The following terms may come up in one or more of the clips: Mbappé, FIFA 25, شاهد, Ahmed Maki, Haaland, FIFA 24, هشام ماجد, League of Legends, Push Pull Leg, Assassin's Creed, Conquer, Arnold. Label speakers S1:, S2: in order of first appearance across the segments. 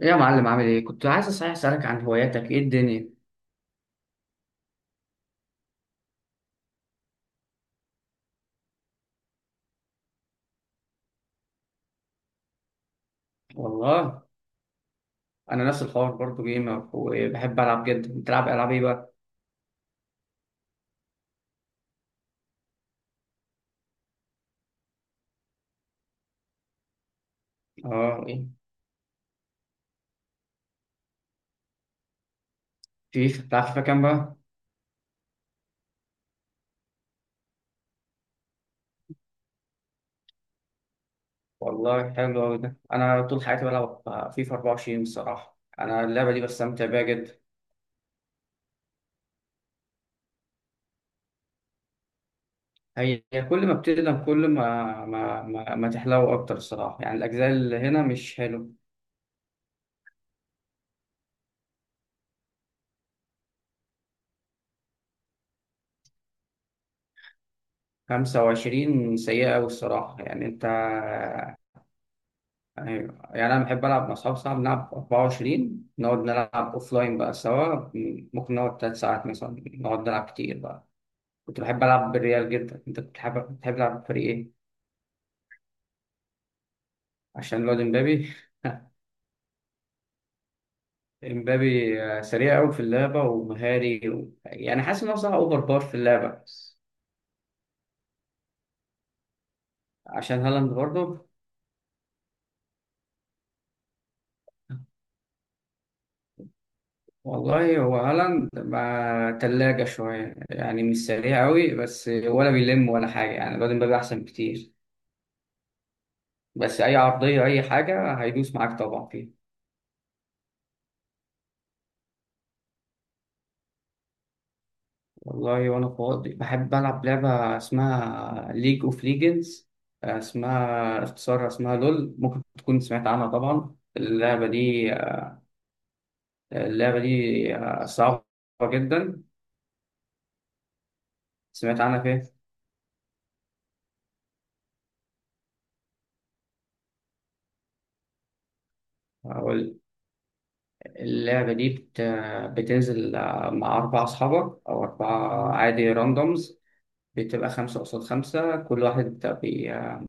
S1: ايه يا معلم، عامل ايه؟ كنت عايز صحيح اسالك عن هواياتك. ايه الدنيا؟ والله انا نفس الحوار برضو، جيمر وبحب العب جدا. بتلعب العاب ايه بقى؟ اه، ايه؟ فيفا؟ بتلعب فيفا كام بقى؟ والله حلو قوي ده، انا طول حياتي بلعب فيفا 24. الصراحه انا اللعبه دي بستمتع بيها جدا. هي كل ما بتقدم، كل ما تحلو اكتر الصراحه. يعني الاجزاء اللي هنا مش حلو. 25 سيئه قوي الصراحه. يعني انت... ايوه. يعني انا بحب العب مع اصحابي، صعب نلعب 24 نقعد نلعب اوف لاين بقى سوا. ممكن نقعد 3 ساعات مثلا نقعد نلعب كتير بقى. كنت بحب العب بالريال جدا. انت كنت بتحب تلعب بفريق ايه؟ عشان الواد امبابي؟ امبابي آه، سريع قوي في اللعبه ومهاري يعني حاسس ان هو صراحه اوفر باور في اللعبه بس. عشان هالاند برضه؟ والله هو هالاند مع تلاجة شوية، يعني مش سريع قوي بس ولا بيلم ولا حاجة. يعني الواد امبابي أحسن بكتير. بس أي عرضية أي حاجة هيدوس معاك طبعا فيها. والله وأنا فاضي بحب ألعب لعبة اسمها ليج أوف ليجندز. اسمها اختصارها اسمها لول، ممكن تكون سمعت عنها طبعا. اللعبة دي آه، صعبة جدا. سمعت عنها فين؟ أقول، اللعبة دي بتنزل آه، مع أربع أصحابك أو أربعة عادي راندومز. بتبقى خمسة قصاد خمسة. كل واحد بي... آه،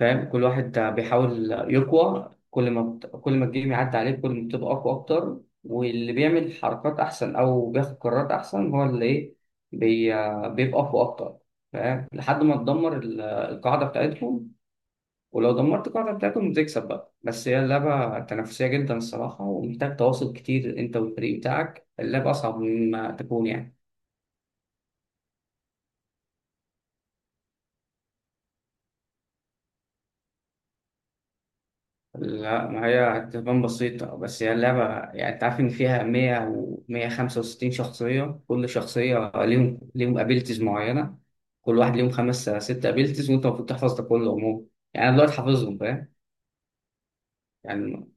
S1: فاهم، كل واحد بيحاول يقوى. كل ما كل ما الجيم يعدي عليه كل ما بتبقى أقوى أكتر. واللي بيعمل حركات أحسن أو بياخد قرارات أحسن هو اللي إيه بي... بيبقى أقوى أكتر. فاهم؟ لحد ما تدمر القاعدة بتاعتهم. ولو دمرت القاعدة بتاعتهم بتكسب بقى. بس هي اللعبة تنافسية جدا الصراحة، ومحتاج تواصل كتير أنت والفريق بتاعك. اللعبة أصعب مما تكون يعني. لا، ما هي هتبان بسيطة، بس هي اللعبة يعني، أنت عارف إن فيها 100 و 165 شخصية. كل شخصية ليهم أبيلتيز معينة. كل واحد ليهم خمس ست أبيلتيز، وأنت المفروض تحفظ ده كله عموما. يعني أنا دلوقتي حافظهم، فاهم يعني.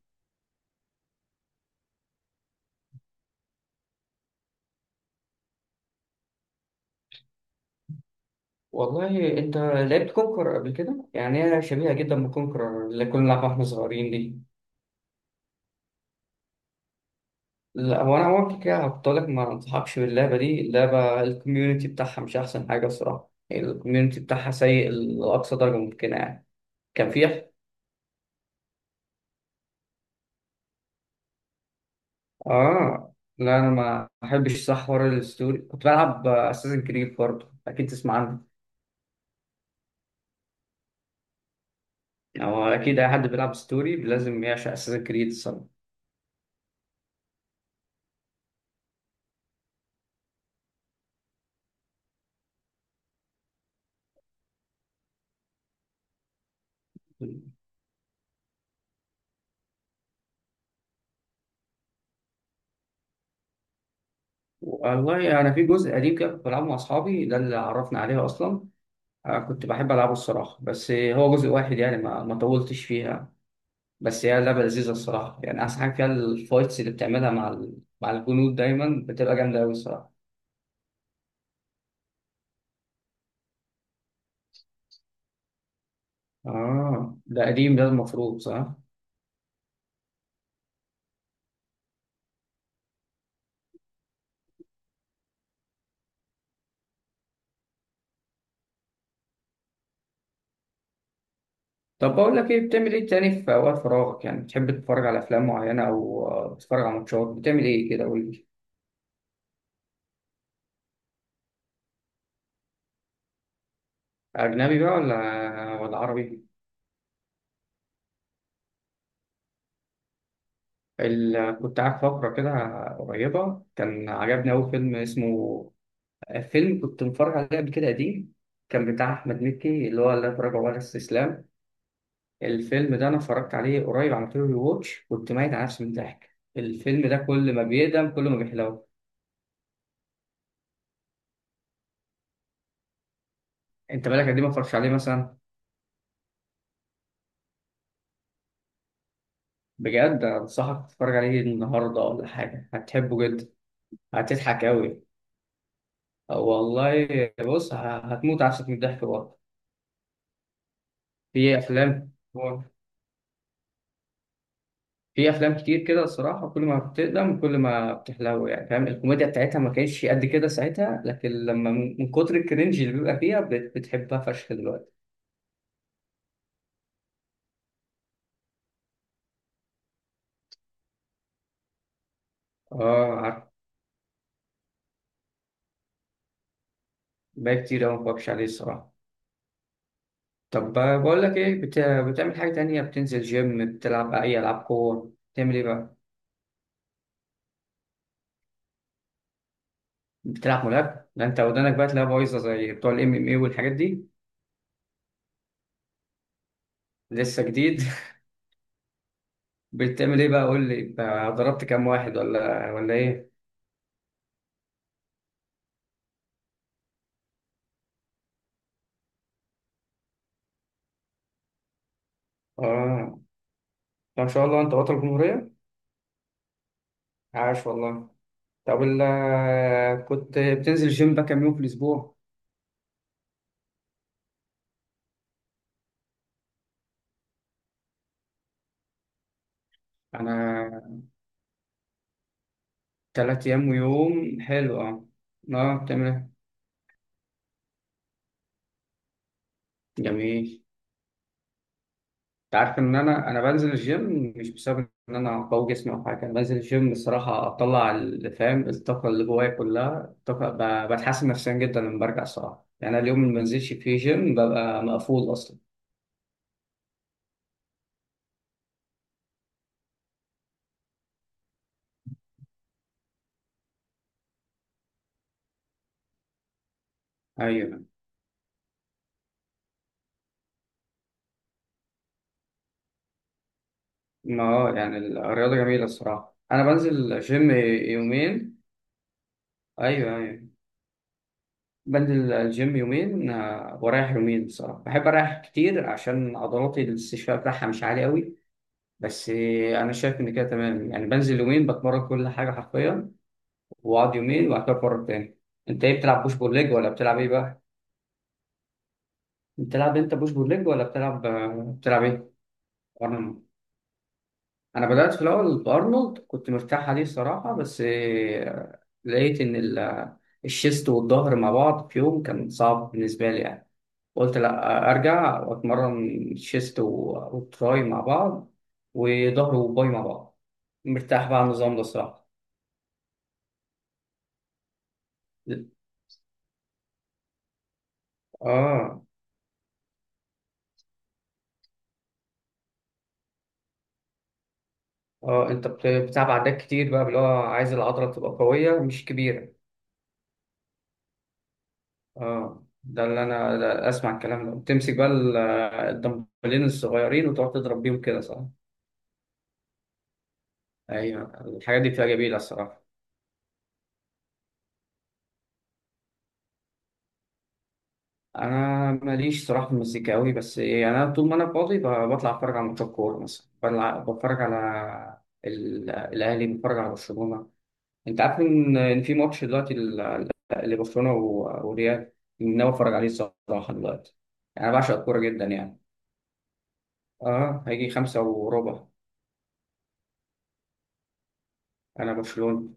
S1: والله انت لعبت كونكر قبل كده؟ يعني هي شبيهه جدا بكونكر اللي كنا بنلعبها واحنا صغيرين دي. لا، هو انا اول كده هقول لك ما انصحكش باللعبه دي. اللعبه الكوميونتي بتاعها مش احسن حاجه الصراحه، الكوميونتي بتاعها سيء لاقصى درجه ممكنه يعني. كان في... اه. لا انا ما احبش صح حوار الستوري. كنت بلعب اساسن كريد برضه، اكيد تسمع عنه. او اكيد اي حد بيلعب ستوري لازم يعشق اساسن كريد الصراحه. والله انا يعني في جزء قديم كده كنت بلعبه مع اصحابي، ده اللي عرفنا عليه اصلا. أنا كنت بحب العبه الصراحه، بس هو جزء واحد يعني ما طولتش فيها. بس هي لعبه لذيذه الصراحه. يعني احسن حاجه فيها الفايتس اللي بتعملها مع مع الجنود، دايما بتبقى جامده قوي الصراحه. اه ده قديم، ده المفروض صح. طب بقول لك ايه، بتعمل ايه تاني في اوقات فراغك؟ يعني بتحب تتفرج على افلام معينه او آه، تتفرج على ماتشات؟ بتعمل ايه كده قول لي. اجنبي بقى ولا عربي؟ كنت قاعد فقره كده قريبه كان عجبني قوي فيلم اسمه... فيلم كنت متفرج عليه قبل كده قديم، كان بتاع احمد مكي اللي هو لا تراجع ولا استسلام. الفيلم ده انا اتفرجت عليه قريب، عملت له واتش، كنت ميت على نفسي من الضحك. الفيلم ده كل ما بيقدم كل ما بيحلو. انت بالك قد ايه ما اتفرجتش عليه مثلا؟ بجد أنصحك تتفرج عليه النهاردة ولا حاجة، هتحبه جدا. هتضحك أوي، والله. بص، هتموت عفسك من الضحك برضه. في أفلام، في أفلام كتير كده الصراحة، كل ما بتقدم كل ما بتحلو. يعني فاهم، الكوميديا بتاعتها ما كانتش قد كده ساعتها، لكن لما من كتر الكرنج اللي بيبقى فيها بتحبها فشخ دلوقتي. آه عارف. بقى كتير أوي ما بتفرجش عليه الصراحة. طب بقول لك إيه، بتعمل حاجة تانية؟ بتنزل جيم، بتلعب أي ألعاب قوة، بتعمل إيه بقى؟ بتلعب ملاكمة؟ ده انت ودانك بقى تلاقيها بايظة زي بتوع الام ام اي والحاجات دي. لسه جديد؟ بتعمل ايه بقى قول لي بقى، ضربت كام واحد ولا ايه؟ اه. طب ما شاء الله، انت بطل جمهورية. عاش والله. طب كنت بتنزل جيم بقى كام يوم في الاسبوع؟ انا 3 ايام ويوم، حلو اه. اه بتعمل ايه؟ جميل. انت عارف ان انا بنزل الجيم مش بسبب ان انا قوي جسمي او حاجه؟ انا بنزل الجيم الصراحه اطلع اللي فاهم الطاقه اللي جوايا كلها، الطاقه بتحسن نفسيا جدا لما برجع الصراحه. يعني أنا اليوم اللي ما بنزلش فيه جيم ببقى مقفول اصلا. ايوه. ما هو يعني الرياضه جميله الصراحه. انا بنزل جيم يومين. ايوه، ايوه. بنزل الجيم يومين آه، ورايح يومين. بصراحه بحب اريح كتير عشان عضلاتي الاستشفاء بتاعها مش عالي قوي. بس انا شايف ان كده تمام يعني، بنزل يومين بتمرن كل حاجه حرفيا، واقعد يومين وبعد كده اتمرن تاني. انت ايه، بتلعب بوش بول ليج ولا بتلعب ايه بقى؟ بتلعب انت بوش بول ليج ولا بتلعب؟ بتلعب ايه؟ ارنولد؟ انا بدات في الاول بارنولد كنت مرتاح عليه الصراحه، بس آه، لقيت ان الشيست والظهر مع بعض في يوم كان صعب بالنسبه لي يعني. قلت لا ارجع واتمرن شيست وتراي مع بعض، وظهر وباي مع بعض. مرتاح بقى على النظام ده الصراحه. اه. اه انت بتلعب عدات كتير بقى، اللي هو عايز العضله تبقى قويه مش كبيره. اه ده اللي انا، ده اسمع الكلام ده. تمسك بقى الدمبلين الصغيرين وتقعد تضرب بيهم كده، صح؟ ايوه الحاجات دي بتبقى جميله الصراحه. انا ماليش صراحه في المزيكا قوي، بس يعني انا طول ما انا فاضي بطلع اتفرج على ماتشات كوره مثلا، بتفرج على الاهلي، بتفرج على برشلونه. انت عارف ان إن في ماتش دلوقتي لبرشلونه وريال، ناوي اتفرج عليه الصراحه دلوقتي. انا بعشق الكوره جدا يعني. اه هيجي 5:15. انا برشلونه.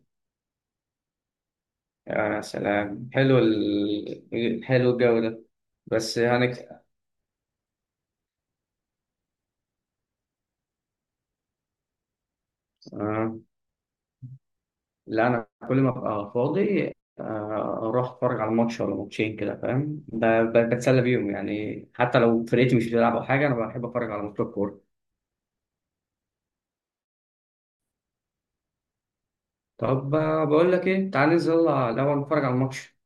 S1: يا سلام، حلو حلو الجو ده. بس هنك آه. لا انا كل ما ابقى فاضي آه، اروح اتفرج على ماتش ولا ماتشين كده، فاهم، بتسلى بيهم يعني. حتى لو فرقتي مش بتلعب او حاجه انا بحب اتفرج على ماتشات كوره. طب آه، بقول لك ايه، تعال ننزل يلا الاول نتفرج على الماتش.